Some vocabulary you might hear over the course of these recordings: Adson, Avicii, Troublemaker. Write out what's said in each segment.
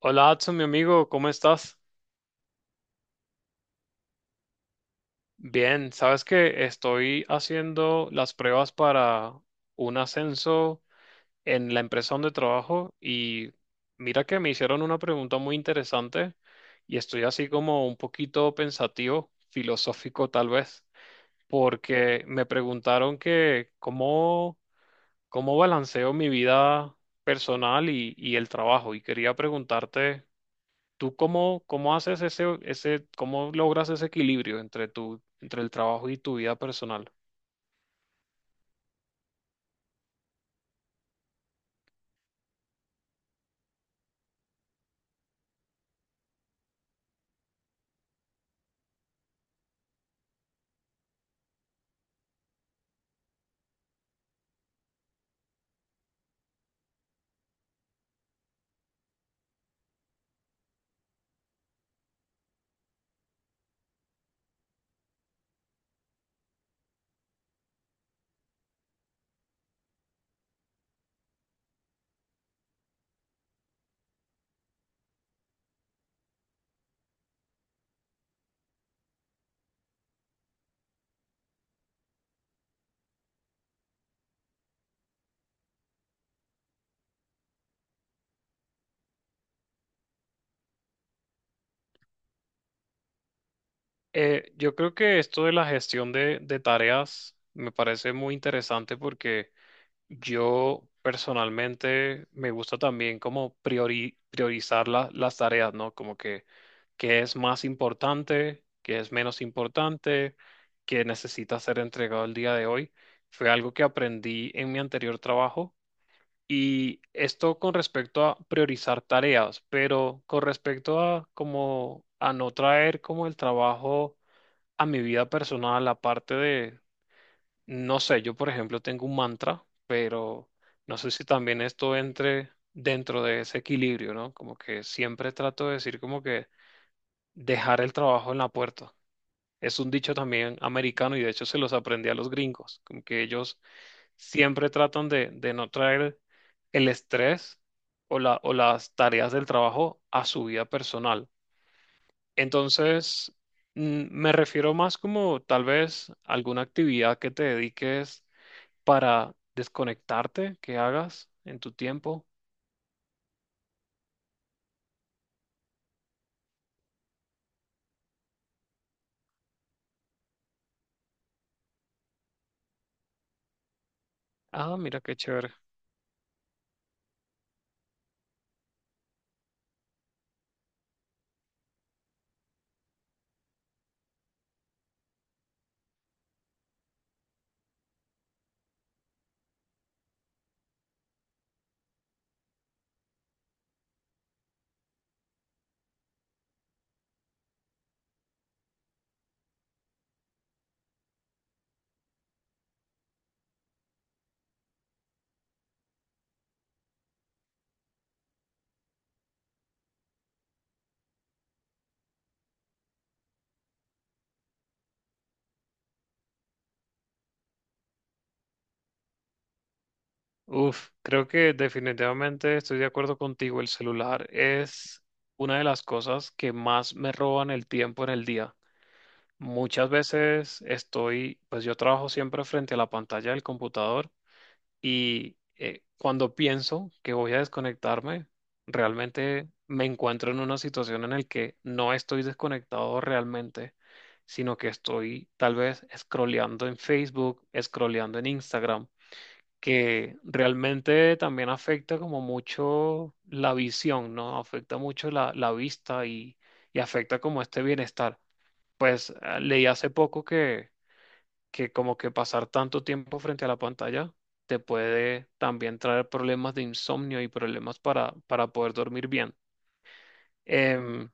Hola, Adson, mi amigo, ¿cómo estás? Bien, sabes que estoy haciendo las pruebas para un ascenso en la empresa donde trabajo y mira que me hicieron una pregunta muy interesante y estoy así como un poquito pensativo, filosófico tal vez, porque me preguntaron que cómo balanceo mi vida personal y el trabajo y quería preguntarte. ¿Tú cómo haces cómo logras ese equilibrio entre entre el trabajo y tu vida personal? Yo creo que esto de la gestión de tareas me parece muy interesante porque yo personalmente me gusta también como priorizar las tareas, ¿no? Como que qué es más importante, qué es menos importante, qué necesita ser entregado el día de hoy. Fue algo que aprendí en mi anterior trabajo. Y esto con respecto a priorizar tareas, pero con respecto a como a no traer como el trabajo a mi vida personal, aparte de, no sé, yo por ejemplo tengo un mantra, pero no sé si también esto entre dentro de ese equilibrio, ¿no? Como que siempre trato de decir como que dejar el trabajo en la puerta. Es un dicho también americano y de hecho se los aprendí a los gringos, como que ellos siempre tratan de no traer el estrés o o las tareas del trabajo a su vida personal. Entonces, me refiero más como tal vez alguna actividad que te dediques para desconectarte, que hagas en tu tiempo. Ah, mira qué chévere. Uf, creo que definitivamente estoy de acuerdo contigo. El celular es una de las cosas que más me roban el tiempo en el día. Muchas veces estoy, pues yo trabajo siempre frente a la pantalla del computador y cuando pienso que voy a desconectarme, realmente me encuentro en una situación en la que no estoy desconectado realmente, sino que estoy tal vez scrolleando en Facebook, scrolleando en Instagram que realmente también afecta como mucho la visión, ¿no? Afecta mucho la vista y afecta como este bienestar. Pues leí hace poco que como que pasar tanto tiempo frente a la pantalla te puede también traer problemas de insomnio y problemas para poder dormir bien. Em,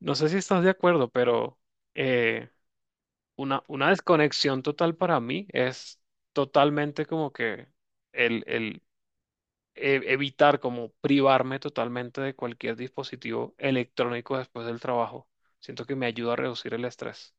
no sé si estás de acuerdo, pero eh, una desconexión total para mí es totalmente como que evitar como privarme totalmente de cualquier dispositivo electrónico después del trabajo. Siento que me ayuda a reducir el estrés.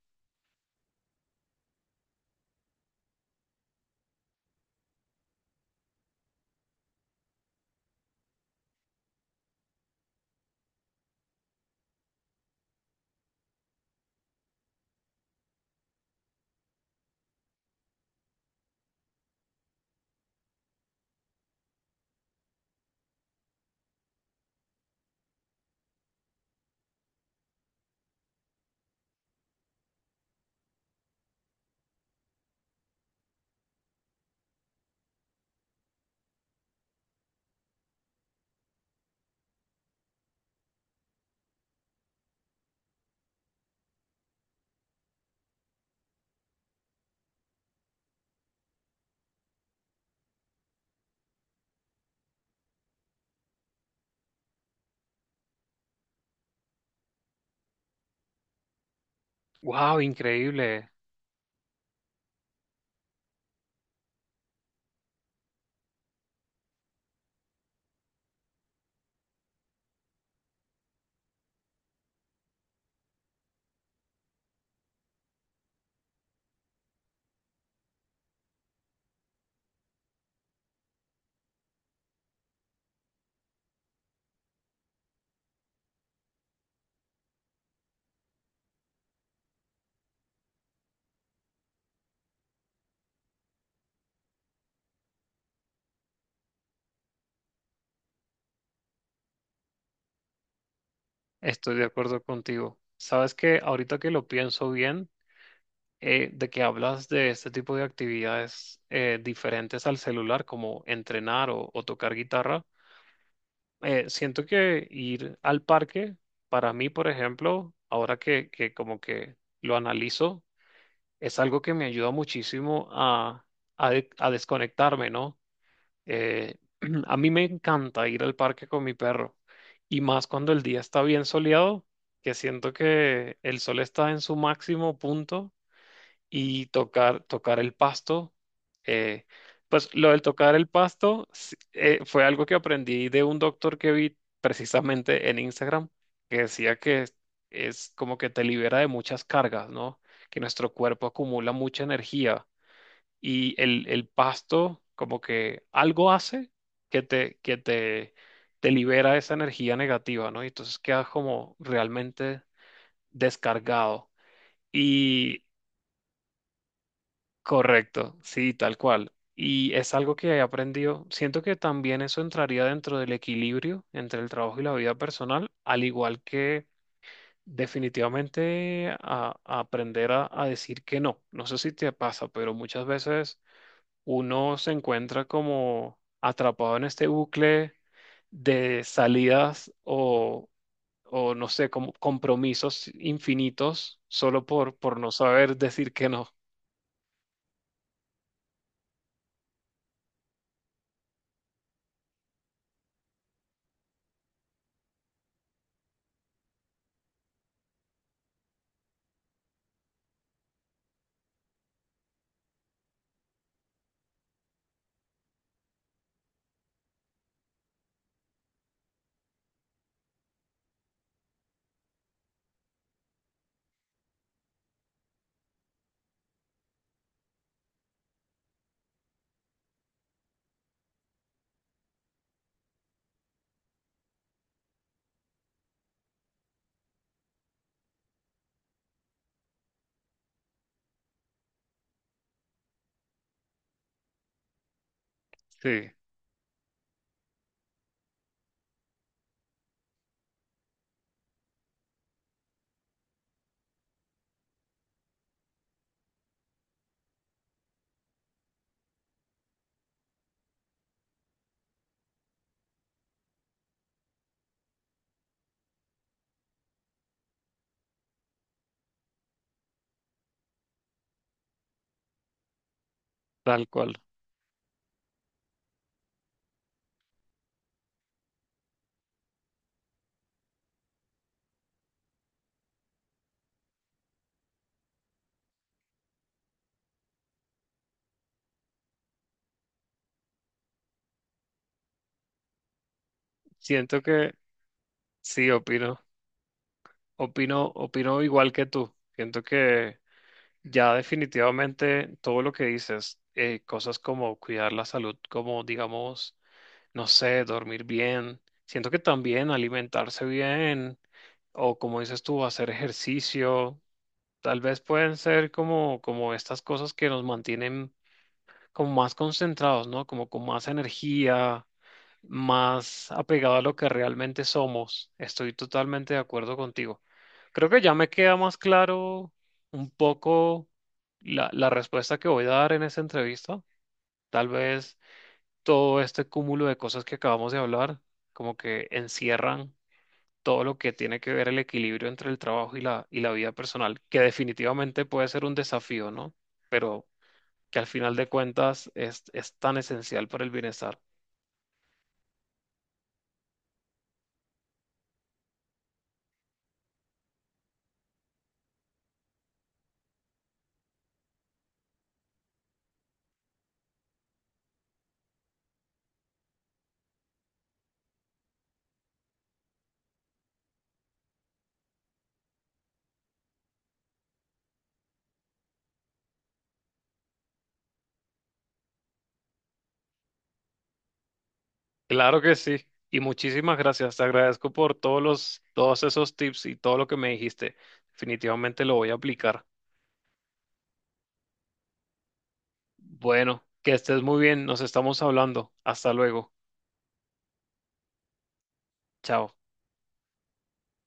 ¡Wow! Increíble. Estoy de acuerdo contigo. Sabes que ahorita que lo pienso bien, de que hablas de este tipo de actividades diferentes al celular, como entrenar o tocar guitarra, siento que ir al parque, para mí, por ejemplo, ahora que como que lo analizo, es algo que me ayuda muchísimo a, a desconectarme, ¿no? Eh, a mí me encanta ir al parque con mi perro y más cuando el día está bien soleado, que siento que el sol está en su máximo punto y tocar el pasto. eh, pues lo del tocar el pasto sí, fue algo que aprendí de un doctor que vi precisamente en Instagram, que decía que es como que te libera de muchas cargas, ¿no? Que nuestro cuerpo acumula mucha energía y el pasto como que algo hace que te, que te, te libera esa energía negativa, ¿no? Y entonces quedas como realmente descargado. Y correcto, sí, tal cual. Y es algo que he aprendido. Siento que también eso entraría dentro del equilibrio entre el trabajo y la vida personal, al igual que definitivamente a aprender a decir que no. No sé si te pasa, pero muchas veces uno se encuentra como atrapado en este bucle de salidas o no sé, como compromisos infinitos solo por no saber decir que no. Sí, tal cual. Siento que sí, opino igual que tú. Siento que ya definitivamente todo lo que dices, cosas como cuidar la salud, como digamos, no sé, dormir bien. Siento que también alimentarse bien o como dices tú, hacer ejercicio, tal vez pueden ser como estas cosas que nos mantienen como más concentrados, ¿no? Como con más energía, más apegado a lo que realmente somos. Estoy totalmente de acuerdo contigo. Creo que ya me queda más claro un poco la respuesta que voy a dar en esta entrevista. Tal vez todo este cúmulo de cosas que acabamos de hablar, como que encierran todo lo que tiene que ver el equilibrio entre el trabajo y y la vida personal, que definitivamente puede ser un desafío, ¿no? Pero que al final de cuentas es tan esencial para el bienestar. Claro que sí. Y muchísimas gracias. Te agradezco por todos esos tips y todo lo que me dijiste. Definitivamente lo voy a aplicar. Bueno, que estés muy bien. Nos estamos hablando. Hasta luego. Chao.